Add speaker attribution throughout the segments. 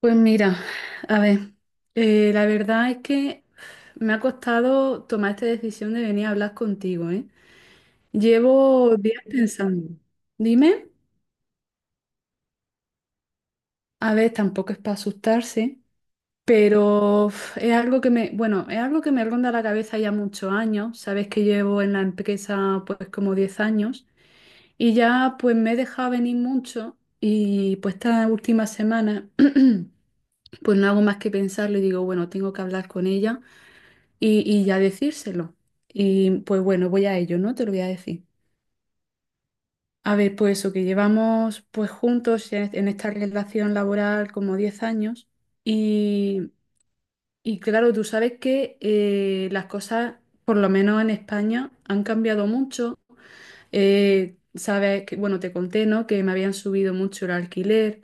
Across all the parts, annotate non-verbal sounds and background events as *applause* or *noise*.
Speaker 1: Pues mira, a ver, la verdad es que me ha costado tomar esta decisión de venir a hablar contigo, ¿eh? Llevo días pensando. Dime, a ver, tampoco es para asustarse, pero uf, es algo que es algo que me ronda la cabeza ya muchos años. Sabes que llevo en la empresa pues como 10 años y ya pues me he dejado venir mucho y pues estas últimas semanas *clears throat* pues no hago más que pensarlo y digo, bueno, tengo que hablar con ella y ya decírselo. Y pues bueno, voy a ello, ¿no? Te lo voy a decir. A ver, pues eso, que llevamos pues juntos en esta relación laboral como 10 años y, y claro, tú sabes que las cosas, por lo menos en España, han cambiado mucho. Sabes que, bueno, te conté, ¿no? Que me habían subido mucho el alquiler.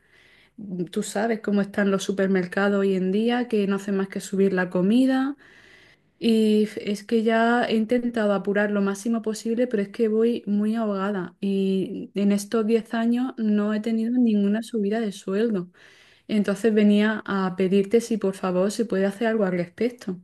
Speaker 1: Tú sabes cómo están los supermercados hoy en día, que no hacen más que subir la comida. Y es que ya he intentado apurar lo máximo posible, pero es que voy muy ahogada y en estos 10 años no he tenido ninguna subida de sueldo. Entonces venía a pedirte si por favor se puede hacer algo al respecto.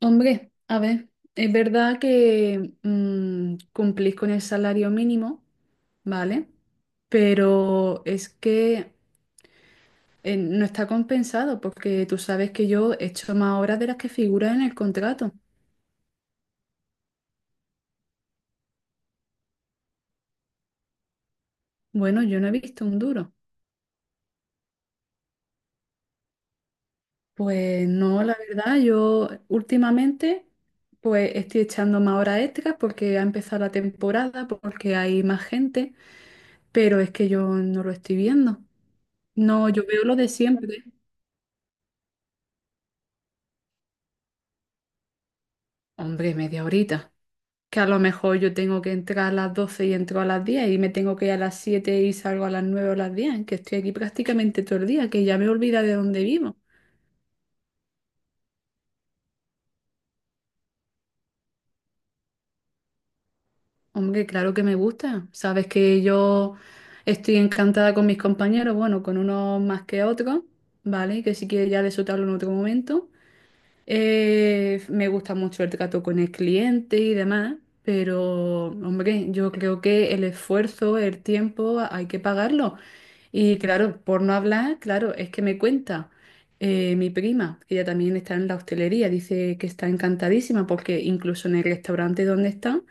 Speaker 1: Hombre, a ver, es verdad que cumplís con el salario mínimo, ¿vale? Pero es que no está compensado porque tú sabes que yo he hecho más horas de las que figuran en el contrato. Bueno, yo no he visto un duro. Pues no, la verdad, yo últimamente pues estoy echando más horas extras porque ha empezado la temporada, porque hay más gente, pero es que yo no lo estoy viendo. No, yo veo lo de siempre. Hombre, media horita. Que a lo mejor yo tengo que entrar a las 12 y entro a las 10 y me tengo que ir a las 7 y salgo a las 9 o las 10, que estoy aquí prácticamente todo el día, que ya me he olvidado de dónde vivo. Hombre, claro que me gusta. Sabes que yo estoy encantada con mis compañeros, bueno, con unos más que otros, ¿vale? Que si quieres ya de eso te hablo en otro momento. Me gusta mucho el trato con el cliente y demás, pero, hombre, yo creo que el esfuerzo, el tiempo, hay que pagarlo. Y claro, por no hablar, claro, es que me cuenta mi prima, que ella también está en la hostelería, dice que está encantadísima porque incluso en el restaurante donde está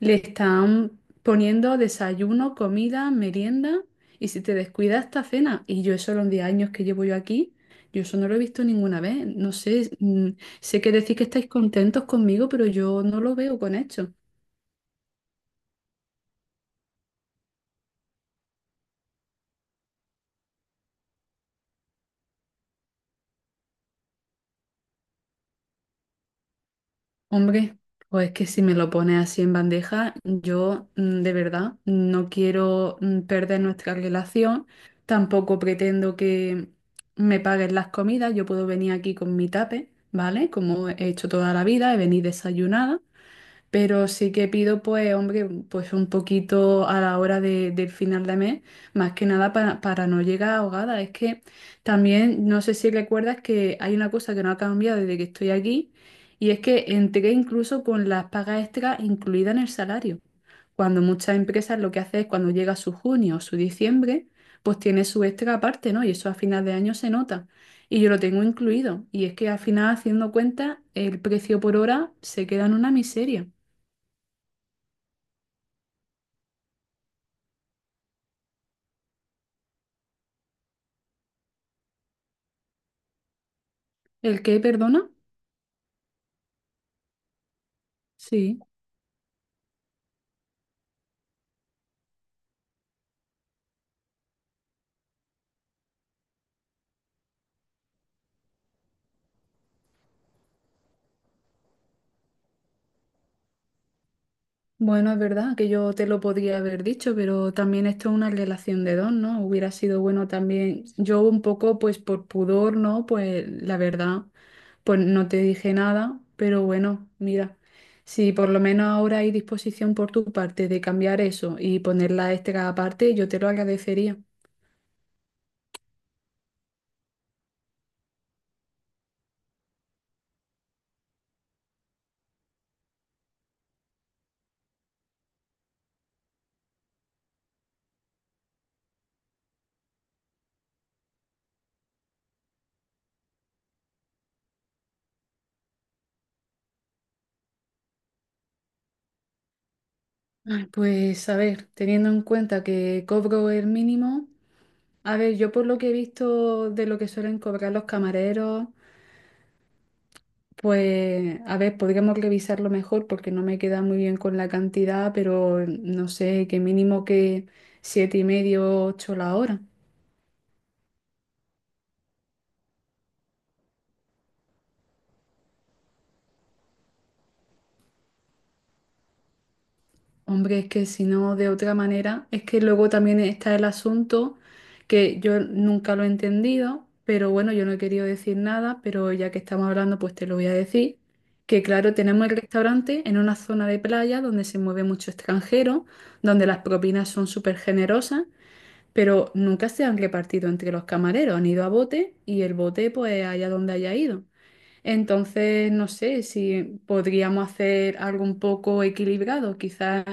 Speaker 1: le están poniendo desayuno, comida, merienda y si te descuidas esta cena. Y yo eso los 10 años que llevo yo aquí, yo eso no lo he visto ninguna vez. No sé, sé que decís que estáis contentos conmigo, pero yo no lo veo con hecho. Hombre, pues que si me lo pones así en bandeja, yo de verdad no quiero perder nuestra relación, tampoco pretendo que me paguen las comidas, yo puedo venir aquí con mi tape, ¿vale? Como he hecho toda la vida, he venido desayunada pero sí que pido, pues, hombre, pues un poquito a la hora del final de mes, más que nada para no llegar ahogada. Es que también, no sé si recuerdas que hay una cosa que no ha cambiado desde que estoy aquí, y es que entré incluso con las pagas extras incluidas en el salario. Cuando muchas empresas lo que hacen es cuando llega su junio o su diciembre, pues tiene su extra aparte, ¿no? Y eso a final de año se nota. Y yo lo tengo incluido. Y es que al final, haciendo cuenta, el precio por hora se queda en una miseria. ¿El qué, perdona? Sí. Bueno, es verdad que yo te lo podría haber dicho, pero también esto es una relación de dos, ¿no? Hubiera sido bueno también. Yo un poco, pues por pudor, ¿no? Pues la verdad, pues no te dije nada, pero bueno, mira, si por lo menos ahora hay disposición por tu parte de cambiar eso y ponerla este cada parte, yo te lo agradecería. Ay, pues a ver, teniendo en cuenta que cobro el mínimo, a ver, yo por lo que he visto de lo que suelen cobrar los camareros. Pues, a ver, podríamos revisarlo mejor porque no me queda muy bien con la cantidad, pero no sé, que mínimo que siete y medio, ocho la hora. Hombre, es que si no, de otra manera, es que luego también está el asunto que yo nunca lo he entendido, pero bueno, yo no he querido decir nada, pero ya que estamos hablando, pues te lo voy a decir, que claro, tenemos el restaurante en una zona de playa donde se mueve mucho extranjero, donde las propinas son súper generosas. Pero nunca se han repartido entre los camareros, han ido a bote y el bote pues allá donde haya ido. Entonces, no sé si podríamos hacer algo un poco equilibrado, quizás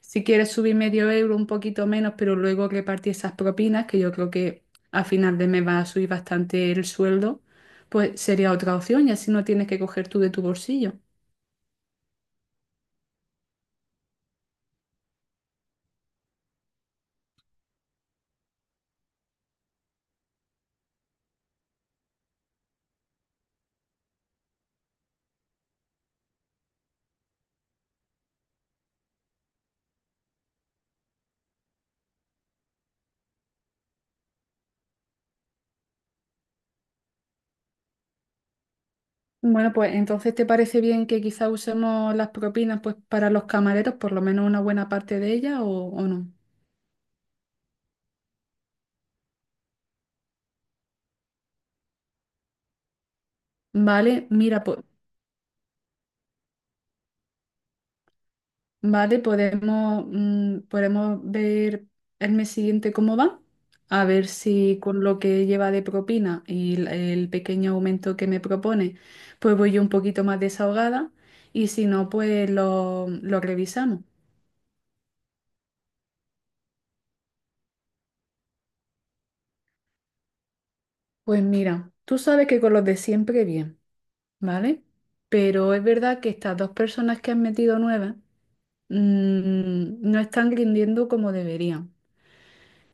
Speaker 1: si quieres subir medio euro, un poquito menos, pero luego repartir esas propinas, que yo creo que a final de mes va a subir bastante el sueldo, pues sería otra opción y así no tienes que coger tú de tu bolsillo. Bueno, pues entonces, ¿te parece bien que quizá usemos las propinas pues para los camareros, por lo menos una buena parte de ellas o no? Vale, mira, pues, vale, podemos, podemos ver el mes siguiente cómo va, a ver si con lo que lleva de propina y el pequeño aumento que me propone, pues voy yo un poquito más desahogada y si no, pues lo revisamos. Pues mira, tú sabes que con los de siempre bien, ¿vale? Pero es verdad que estas dos personas que han metido nuevas, no están rindiendo como deberían.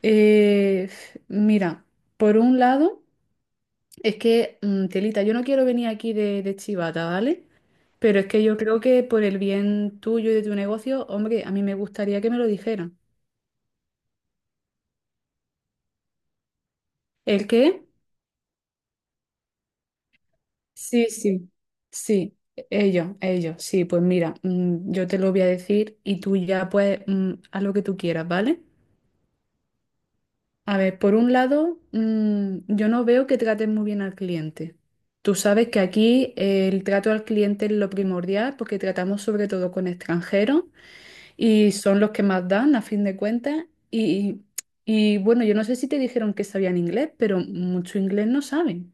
Speaker 1: Eh, mira, por un lado, es que, Telita, yo no quiero venir aquí de chivata, ¿vale? Pero es que yo creo que por el bien tuyo y de tu negocio, hombre, a mí me gustaría que me lo dijeran. ¿El qué? Sí, sí, sí, ellos, sí, pues mira, yo te lo voy a decir y tú ya pues haz lo que tú quieras, ¿vale? A ver, por un lado, yo no veo que traten muy bien al cliente. Tú sabes que aquí el trato al cliente es lo primordial porque tratamos sobre todo con extranjeros y son los que más dan a fin de cuentas. Y, y bueno, yo no sé si te dijeron que sabían inglés, pero mucho inglés no saben.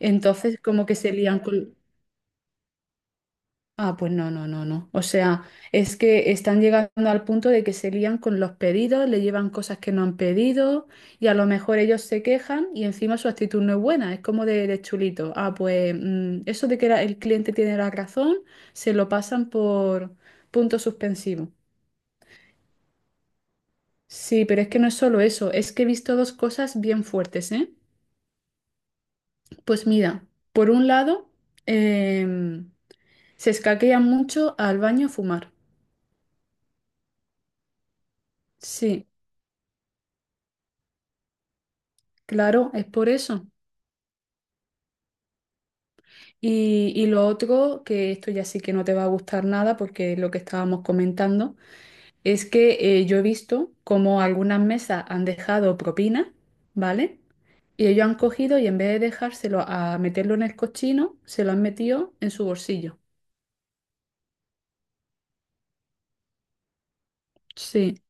Speaker 1: Entonces, como que se lían con... Ah, pues no, no, no, no. O sea, es que están llegando al punto de que se lían con los pedidos, le llevan cosas que no han pedido y a lo mejor ellos se quejan y encima su actitud no es buena, es como de chulito. Ah, pues eso de que el cliente tiene la razón, se lo pasan por punto suspensivo. Sí, pero es que no es solo eso, es que he visto dos cosas bien fuertes, ¿eh? Pues mira, por un lado, em, se escaquean mucho al baño a fumar. Sí, claro, es por eso. Y lo otro, que esto ya sí que no te va a gustar nada porque es lo que estábamos comentando, es que yo he visto como algunas mesas han dejado propina, ¿vale? Y ellos han cogido y en vez de dejárselo a meterlo en el cochino, se lo han metido en su bolsillo. Sí.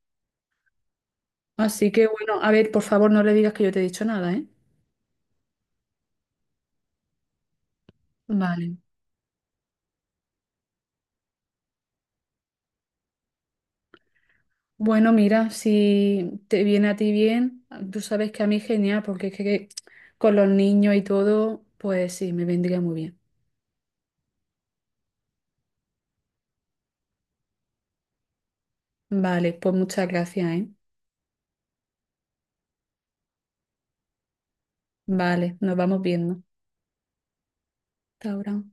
Speaker 1: Así que bueno, a ver, por favor no le digas que yo te he dicho nada, ¿eh? Vale. Bueno, mira, si te viene a ti bien, tú sabes que a mí genial, porque es que con los niños y todo, pues sí, me vendría muy bien. Vale, pues muchas gracias, ¿eh? Vale, nos vamos viendo. Hasta ahora.